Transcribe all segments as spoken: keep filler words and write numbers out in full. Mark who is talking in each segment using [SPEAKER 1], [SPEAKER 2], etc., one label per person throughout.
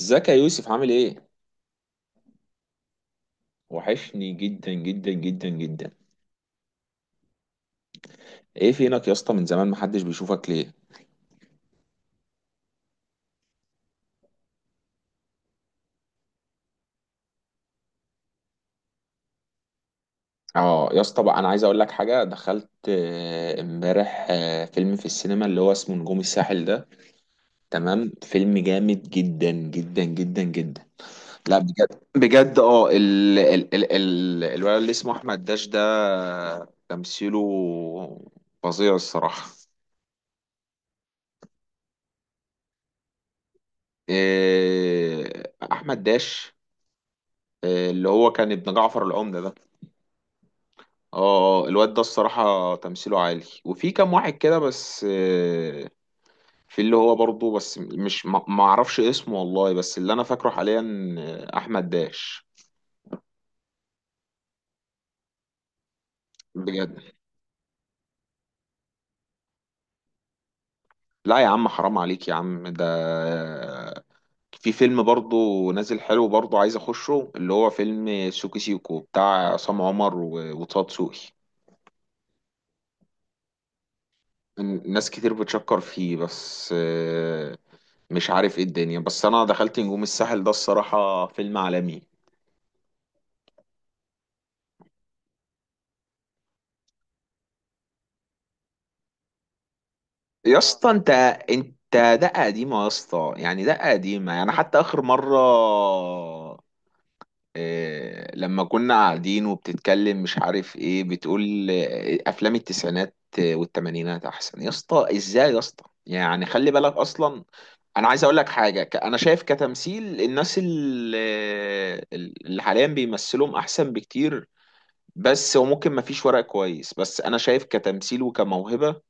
[SPEAKER 1] ازيك يا يوسف، عامل ايه؟ وحشني جدا جدا جدا جدا. ايه فينك يا اسطى؟ من زمان محدش بيشوفك ليه؟ اه يا اسطى بقى، انا عايز اقول لك حاجه. دخلت آه، امبارح آه، فيلم في السينما، اللي هو اسمه نجوم الساحل ده. تمام، فيلم جامد جدا جدا جدا جدا. لا بجد بجد، اه ال ال ال ال الولد اللي اسمه احمد داش ده، تمثيله فظيع الصراحه. إيه، احمد داش. إيه، اللي هو كان ابن جعفر العمدة ده. اه. اه الواد ده الصراحة تمثيله عالي، وفي كام واحد كده بس آه، في، اللي هو برضه، بس مش ما ما اعرفش اسمه والله، بس اللي انا فاكره حاليا آه، احمد داش. بجد. لا يا عم، حرام عليك يا عم ده. في فيلم برضه نازل حلو برضه، عايز اخشه، اللي هو فيلم سوكي سيكو بتاع عصام عمر و- وطه دسوقي. ناس كتير بتشكر فيه بس آه، مش عارف ايه الدنيا، بس انا دخلت نجوم الساحل ده، الصراحة فيلم عالمي. يا اسطى انت انت دقه قديمه يا اسطى، يعني دقه قديمه، يعني حتى اخر مره، إيه، لما كنا قاعدين وبتتكلم مش عارف ايه بتقول، إيه، افلام التسعينات والثمانينات احسن يا اسطى، ازاي يا اسطى؟ يعني خلي بالك اصلا. انا عايز اقول لك حاجه، ك- انا شايف كتمثيل الناس ال- اللي حاليا بيمثلهم احسن بكتير، بس وممكن ما فيش ورق كويس، بس انا شايف كتمثيل وكموهبه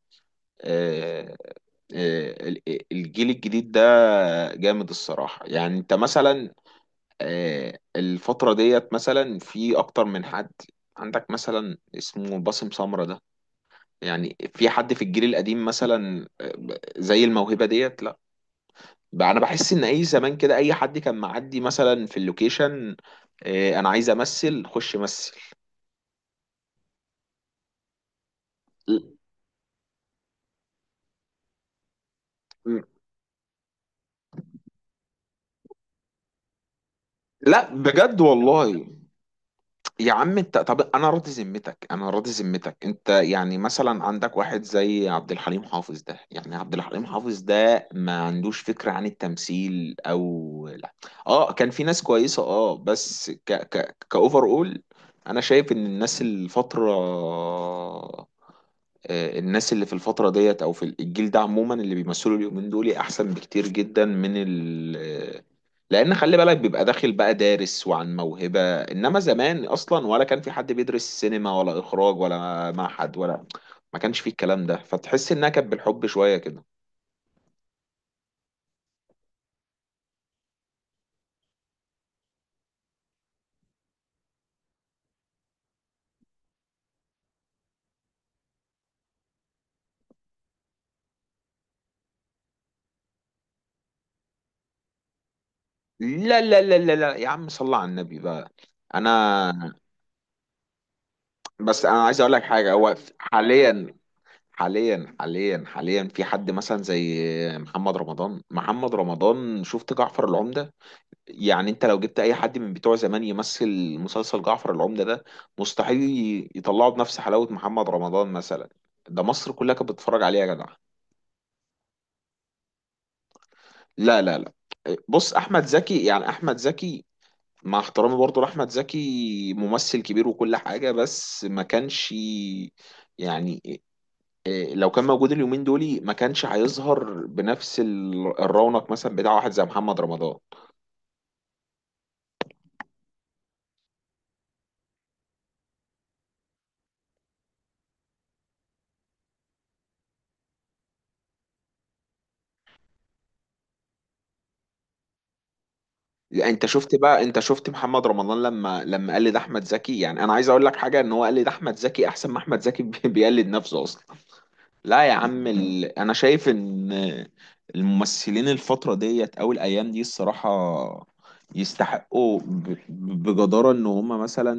[SPEAKER 1] آه، آه، ال- الجيل الجديد ده جامد الصراحة، يعني انت مثلا آه، الفترة ديت مثلا، في اكتر من حد. عندك مثلا اسمه باسم سمرة ده، يعني في حد في الجيل القديم مثلا آه، زي الموهبة ديت؟ لا. بقى انا بحس ان اي زمان كده اي حد كان معدي مثلا في اللوكيشن، آه، انا عايز امثل، خش مثل. لا بجد والله. يا عم انت، طب انا راضي ذمتك، انا راضي ذمتك انت، يعني مثلا عندك واحد زي عبد الحليم حافظ ده، يعني عبد الحليم حافظ ده ما عندوش فكرة عن التمثيل او لا؟ اه كان في ناس كويسة، اه بس ك ك كاوفر اول. انا شايف ان الناس الفترة آه، الناس اللي في الفترة ديت، أو في الجيل ده عموما، اللي بيمثلوا اليومين دول أحسن بكتير جدا من ال آه، لأن خلي بالك، بيبقى داخل بقى دارس وعن موهبة، إنما زمان أصلا ولا كان في حد بيدرس سينما ولا إخراج ولا معهد ولا ما كانش فيه الكلام ده، فتحس إنها كانت بالحب شوية كده. لا لا لا لا لا يا عم، صل على النبي بقى. أنا، بس أنا عايز أقول لك حاجة، هو حاليا حاليا حاليا حاليا في حد مثلا زي محمد رمضان. محمد رمضان شفت جعفر العمدة؟ يعني انت لو جبت اي حد من بتوع زمان يمثل مسلسل جعفر العمدة ده، مستحيل يطلعه بنفس حلاوة محمد رمضان مثلا. ده مصر كلها كانت بتتفرج عليه يا جدع. لا لا لا. بص، احمد زكي يعني، احمد زكي مع احترامي برضه لاحمد زكي ممثل كبير وكل حاجة، بس ما كانش يعني، إيه، لو كان موجود اليومين دولي، ما كانش هيظهر بنفس ال- الرونق مثلا بتاع واحد زي محمد رمضان. يعني انت شفت بقى، انت شفت محمد رمضان لما لما قلد احمد زكي، يعني انا عايز اقول لك حاجه، ان هو قلد احمد زكي احسن ما احمد زكي بي- بيقلد نفسه اصلا. لا يا عم ال... انا شايف ان الممثلين الفترة ديت او الايام دي الصراحة يستحقوا ب... بجدارة ان هما مثلا،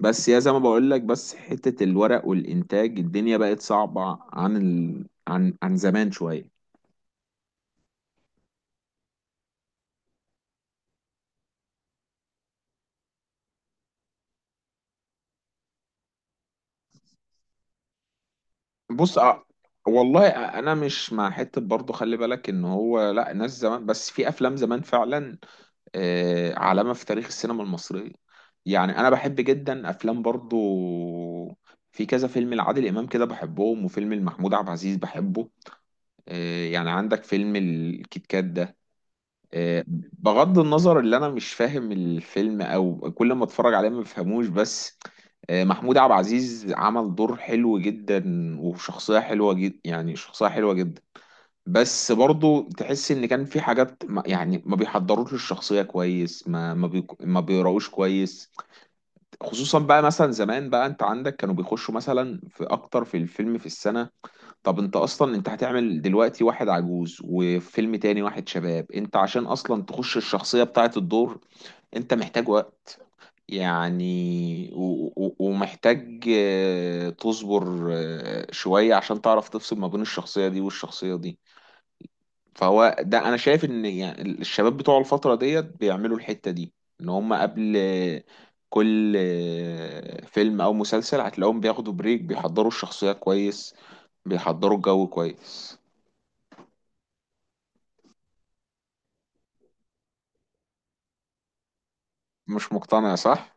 [SPEAKER 1] بس يا زي ما بقول لك، بس حتة الورق والانتاج الدنيا بقت صعبة عن ال... عن عن زمان شوية. بص أ... والله انا مش مع حتة برضه، خلي بالك ان هو لا، ناس زمان، بس في افلام زمان فعلا آه، علامة في تاريخ السينما المصرية. يعني أنا بحب جدا أفلام برضو، في كذا فيلم لعادل إمام كده بحبهم، وفيلم لمحمود عبد العزيز بحبه آه، يعني عندك فيلم الكيت كات ده. آه، بغض النظر اللي أنا مش فاهم الفيلم، أو كل ما أتفرج عليه ما بفهموش، بس آه، محمود عبد العزيز عمل دور حلو جدا، وشخصية حلوة جدا، يعني شخصية حلوة جدا، بس برضو تحس ان كان في حاجات ما- يعني ما بيحضروش الشخصيه كويس، ما ما, بي ما بيقراوش كويس. خصوصا بقى مثلا زمان بقى، انت عندك كانوا بيخشوا مثلا في اكتر في الفيلم في السنه. طب انت اصلا انت هتعمل دلوقتي واحد عجوز، وفيلم تاني واحد شباب، انت عشان اصلا تخش الشخصيه بتاعه الدور، انت محتاج وقت يعني، و- و- ومحتاج آه، تصبر آه، شويه عشان تعرف تفصل ما بين الشخصيه دي والشخصيه دي. فهو ده انا شايف ان، يعني الشباب بتوع الفتره ديت بيعملوا الحته دي، ان هم قبل كل فيلم او مسلسل هتلاقيهم بياخدوا بريك، بيحضروا الشخصيه كويس، بيحضروا الجو كويس. مش مقتنع؟ صح.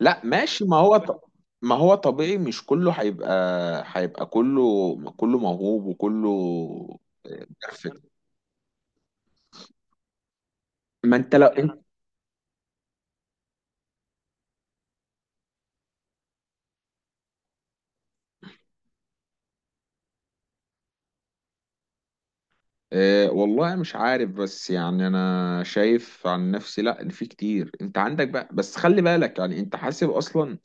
[SPEAKER 1] لا ماشي، ما هو ط... ما هو طبيعي، مش كله هيبقى، هيبقى كله، كله موهوب وكله بيرفكت. ما انت لو، أه والله مش عارف، بس يعني انا شايف عن نفسي لا، إن في كتير. انت عندك بقى، بس خلي بالك يعني انت حاسب اصلا،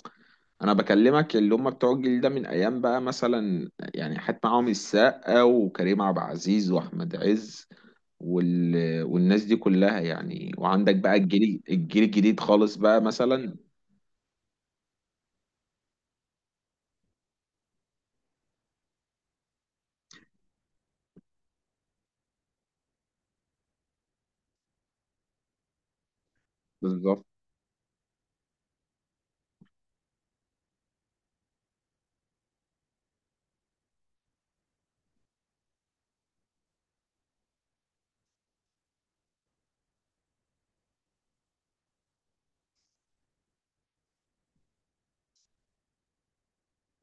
[SPEAKER 1] انا بكلمك اللي هم بتوع الجيل ده من ايام بقى مثلا، يعني حتى معاهم السقا وكريم عبد العزيز واحمد عز وال... والناس دي كلها يعني، وعندك بقى الجيل الجيل الجديد خالص بقى مثلا. بالظبط.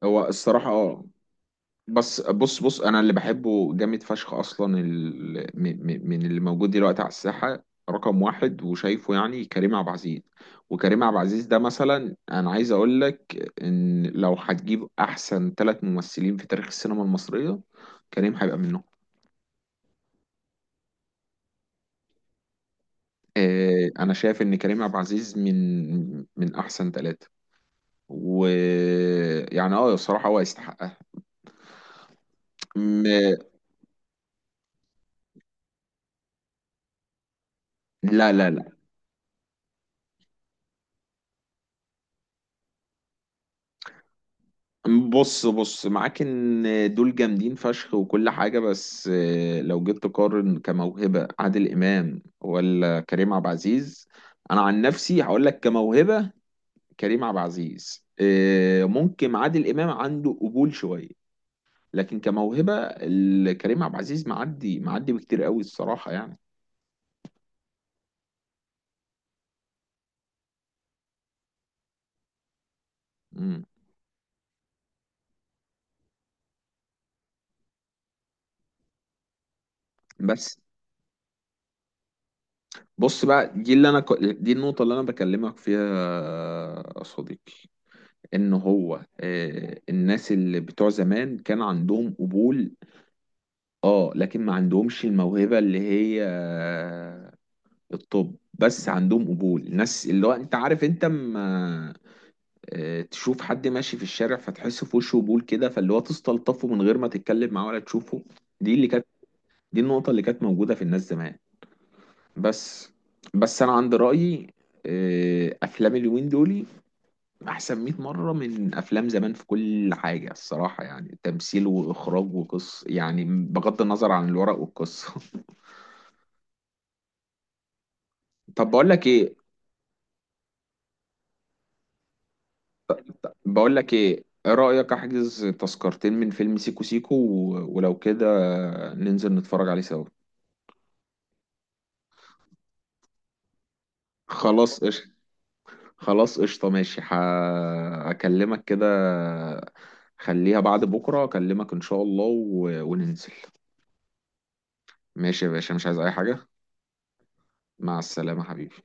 [SPEAKER 1] هو الصراحة اه، بس بص بص، انا اللي بحبه جامد فشخ اصلا ال... م... م... من اللي موجود دلوقتي على الساحه، رقم واحد وشايفه يعني كريم عبد العزيز. وكريم عبد العزيز ده مثلا، انا عايز اقول لك ان لو هتجيب احسن ثلاث ممثلين في تاريخ السينما المصريه، كريم هيبقى منهم. آه انا شايف ان كريم عبد العزيز من من احسن ثلاثه، ويعني اه الصراحه هو يستحقها. م... لا لا لا، بص بص معاك ان دول جامدين فشخ وكل حاجة، بس آه، لو جيت تقارن كموهبة عادل إمام ولا كريم عبد العزيز، أنا عن نفسي هقول لك كموهبة كريم عبد العزيز آه، ممكن عادل إمام عنده قبول شوية، لكن كموهبة ال- كريم عبد العزيز معدي معدي بكتير قوي الصراحة يعني. مم. بس بص بقى، دي اللي أنا ك- دي النقطة اللي أنا بكلمك فيها يا صديقي، ان هو آه، الناس اللي بتوع زمان كان عندهم قبول، اه لكن ما عندهمش الموهبة، اللي هي آه، الطب، بس عندهم قبول. الناس اللي هو انت عارف، انت اما آه، تشوف حد ماشي في الشارع فتحس في وشه قبول كده، فاللي هو تستلطفه من غير ما تتكلم معاه ولا تشوفه، دي اللي كانت، دي النقطة اللي كانت موجودة في الناس زمان. بس بس انا عندي رأيي، آه، افلام اليومين دول احسن مئة مره من افلام زمان في كل حاجه الصراحه، يعني تمثيل واخراج وقصه، يعني بغض النظر عن الورق والقصه. طب بقول لك ايه، بقول لك ايه ايه رايك احجز تذكرتين من فيلم سيكو سيكو و- ولو كده ننزل نتفرج عليه سوا. خلاص قشطه، خلاص قشطه ماشي، ح... هكلمك كده. خليها بعد بكره اكلمك ان شاء الله، و... وننزل. ماشي يا باشا، مش عايز اي حاجه. مع السلامه حبيبي.